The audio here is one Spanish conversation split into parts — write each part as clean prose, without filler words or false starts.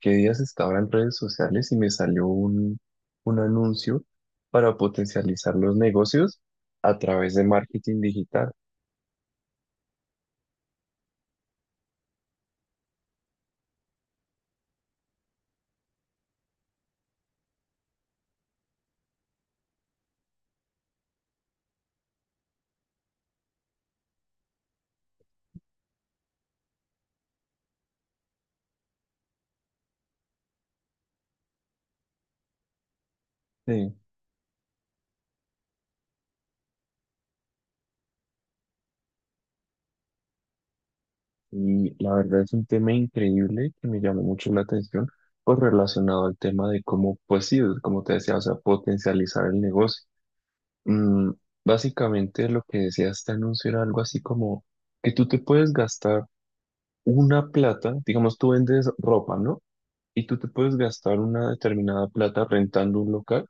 Qué días estaba en redes sociales y me salió un anuncio para potencializar los negocios a través de marketing digital. Sí. Y la verdad es un tema increíble que me llamó mucho la atención, pues relacionado al tema de cómo, pues sí, como te decía, o sea, potencializar el negocio. Mm, Básicamente lo que decía este anuncio era algo así como que tú te puedes gastar una plata, digamos, tú vendes ropa, ¿no? Y tú te puedes gastar una determinada plata rentando un local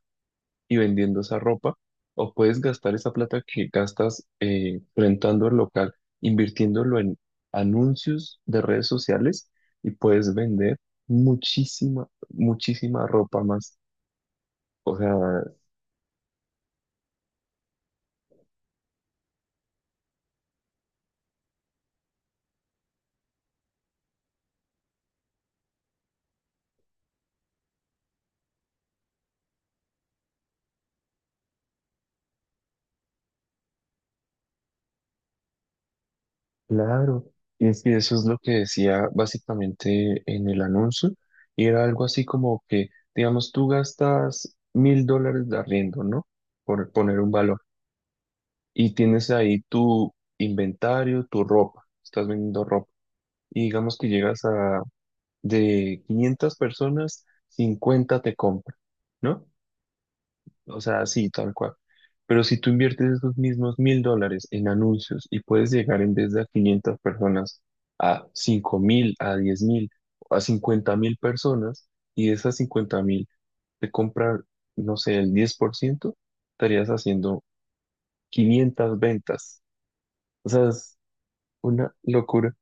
y vendiendo esa ropa, o puedes gastar esa plata que gastas rentando el local, invirtiéndolo en anuncios de redes sociales y puedes vender muchísima, muchísima ropa más. O sea, claro. Y es que eso es lo que decía básicamente en el anuncio, y era algo así como que, digamos, tú gastas $1,000 de arriendo, ¿no? Por poner un valor y tienes ahí tu inventario, tu ropa, estás vendiendo ropa. Y digamos que llegas a de 500 personas, 50 te compran, ¿no? O sea, así, tal cual. Pero si tú inviertes esos mismos $1,000 en anuncios y puedes llegar en vez de a 500 personas a 5,000, a 10,000, a 50,000 personas, y de esas 50,000 te compran, no sé, el 10% estarías haciendo 500 ventas. O sea, una locura.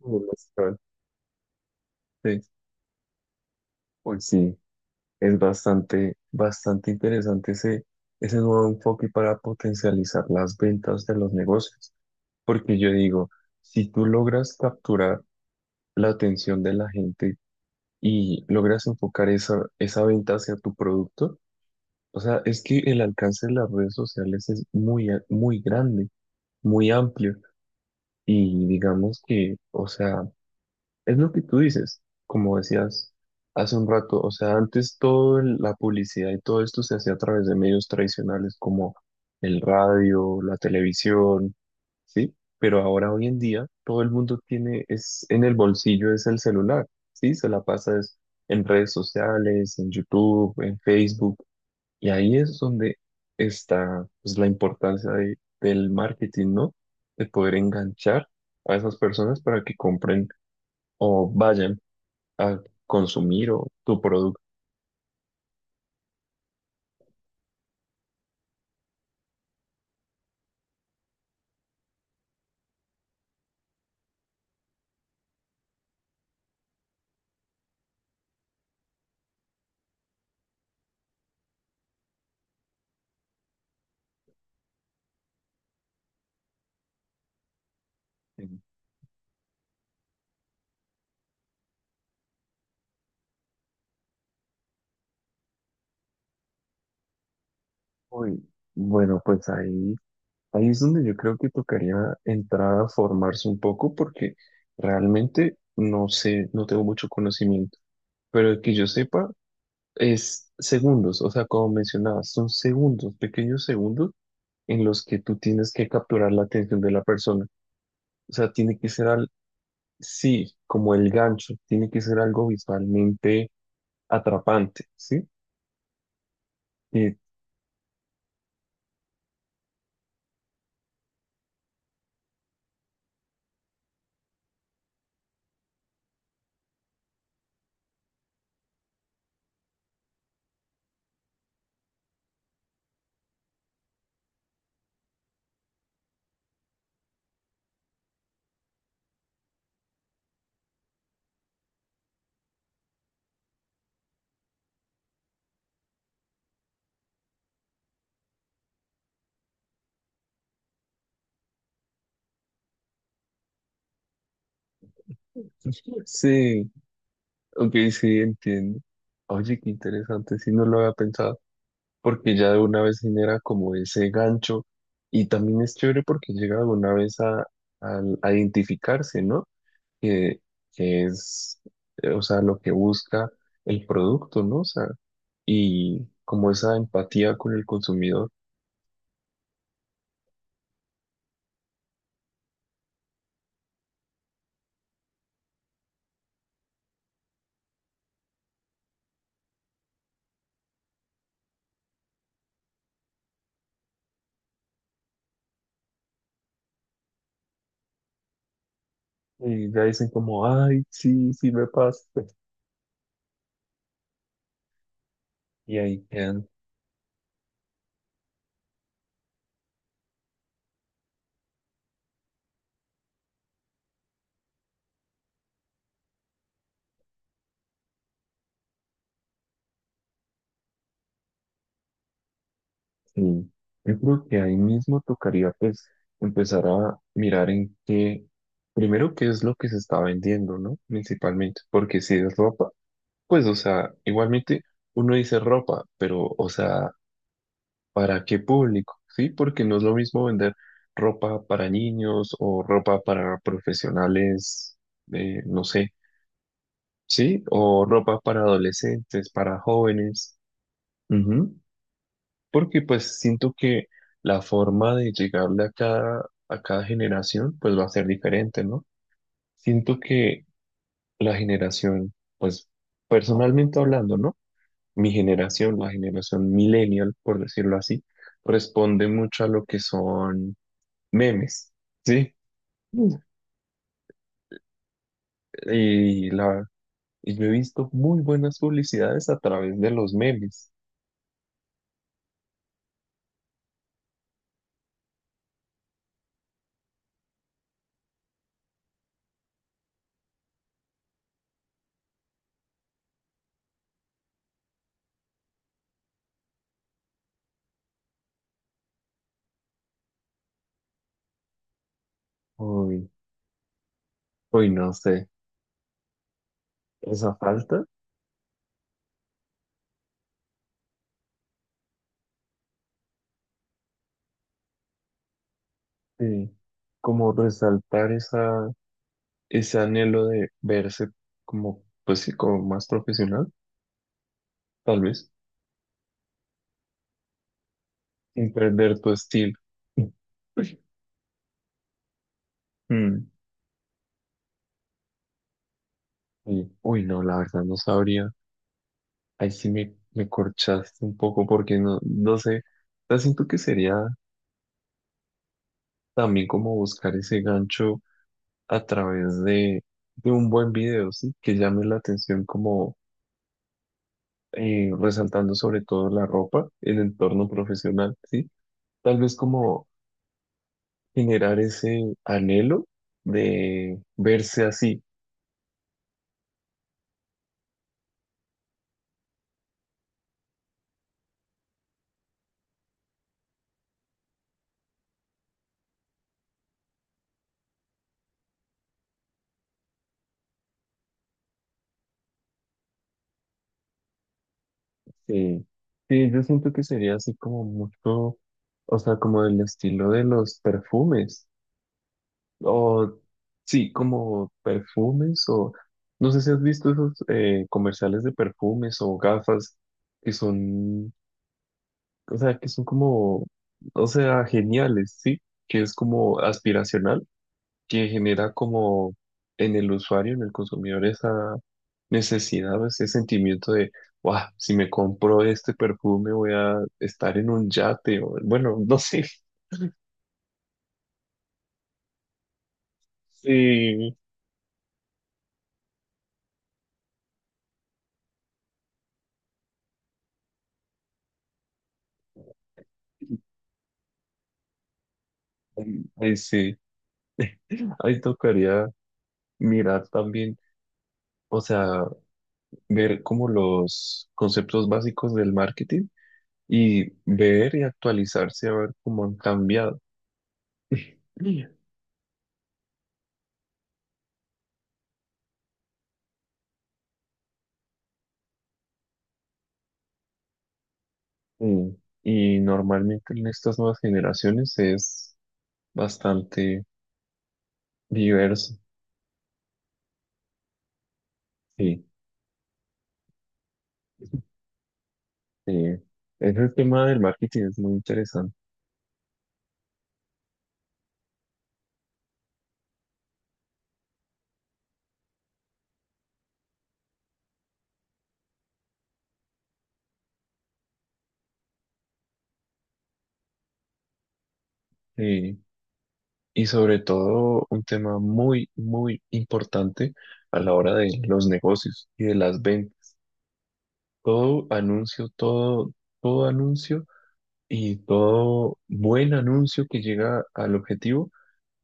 No lo esperaba. Sí. Pues sí, es bastante, bastante interesante ese nuevo enfoque para potencializar las ventas de los negocios. Porque yo digo, si tú logras capturar la atención de la gente y logras enfocar esa venta hacia tu producto, o sea, es que el alcance de las redes sociales es muy, muy grande, muy amplio. Y digamos que, o sea, es lo que tú dices, como decías hace un rato, o sea, antes toda la publicidad y todo esto se hacía a través de medios tradicionales como el radio, la televisión, ¿sí? Pero ahora hoy en día todo el mundo tiene, es en el bolsillo, es el celular, ¿sí? Se la pasa es en redes sociales, en YouTube, en Facebook, y ahí es donde está pues, la importancia del marketing, ¿no? De poder enganchar a esas personas para que compren o vayan a consumir o tu producto. en- Uy, bueno, pues ahí es donde yo creo que tocaría entrar a formarse un poco porque realmente no sé, no tengo mucho conocimiento, pero el que yo sepa es segundos, o sea, como mencionabas, son segundos, pequeños segundos en los que tú tienes que capturar la atención de la persona. O sea, tiene que ser sí, como el gancho, tiene que ser algo visualmente atrapante, ¿sí? Que- Sí, Ok, sí, entiendo. Oye, qué interesante, sí, no lo había pensado, porque ya de una vez genera como ese gancho y también es chévere porque llega de una vez a identificarse, ¿no? Que, que es, o sea, lo que busca el producto, ¿no? O sea, y como esa empatía con el consumidor, y ya dicen como, ay, sí, sí me pasa, y ahí quedan. Sí, yo creo que ahí mismo tocaría pues empezar a mirar en qué, primero qué es lo que se está vendiendo, ¿no? Principalmente, porque si es ropa, pues o sea, igualmente uno dice ropa, pero o sea, ¿para qué público? Sí, porque no es lo mismo vender ropa para niños o ropa para profesionales, no sé, sí, o ropa para adolescentes, para jóvenes. Porque pues siento que la forma de llegarle a a cada generación pues va a ser diferente, ¿no? Siento que la generación, pues personalmente hablando, ¿no? Mi generación, la generación millennial, por decirlo así, responde mucho a lo que son memes, ¿sí? Mm. Y, la, y yo he visto muy buenas publicidades a través de los memes. Uy, uy, no sé, esa falta de como resaltar esa ese anhelo de verse como, pues sí, como más profesional, tal vez, sin perder tu estilo. Uy, mm, sí. Uy, no, la verdad no sabría. Ahí sí me corchaste un poco porque no, no sé. O sea, siento que sería también como buscar ese gancho a través de un buen video, ¿sí? Que llame la atención como resaltando sobre todo la ropa, el entorno profesional, ¿sí? Tal vez como generar ese anhelo de verse así. Sí, sí, yo siento que sería así como mucho, o sea, como del estilo de los perfumes, o sí, como perfumes, o no sé si has visto esos comerciales de perfumes o gafas que son, o sea, que son como, o sea, geniales, sí, que es como aspiracional que genera como en el usuario, en el consumidor, esa necesidad o ese sentimiento de, wow, si me compro este perfume voy a estar en un yate, o bueno, no sé. Sí, sí, ahí tocaría mirar también, o sea, ver como los conceptos básicos del marketing y ver y actualizarse a ver cómo han cambiado. Sí. Mm, Y normalmente en estas nuevas generaciones es bastante diverso. Sí, sí. Ese tema del marketing es muy interesante. Sí. Y sobre todo un tema muy, muy importante a la hora de los negocios y de las ventas. Todo anuncio, todo, todo anuncio y todo buen anuncio que llega al objetivo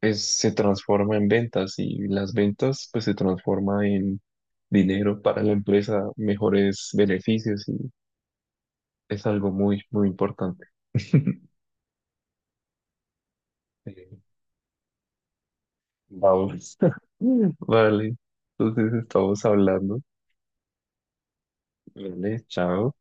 se transforma en ventas y las ventas pues se transforma en dinero para la empresa, mejores beneficios es algo muy, muy importante. Eh, Vamos. Vale, entonces estamos hablando. Vale, chao.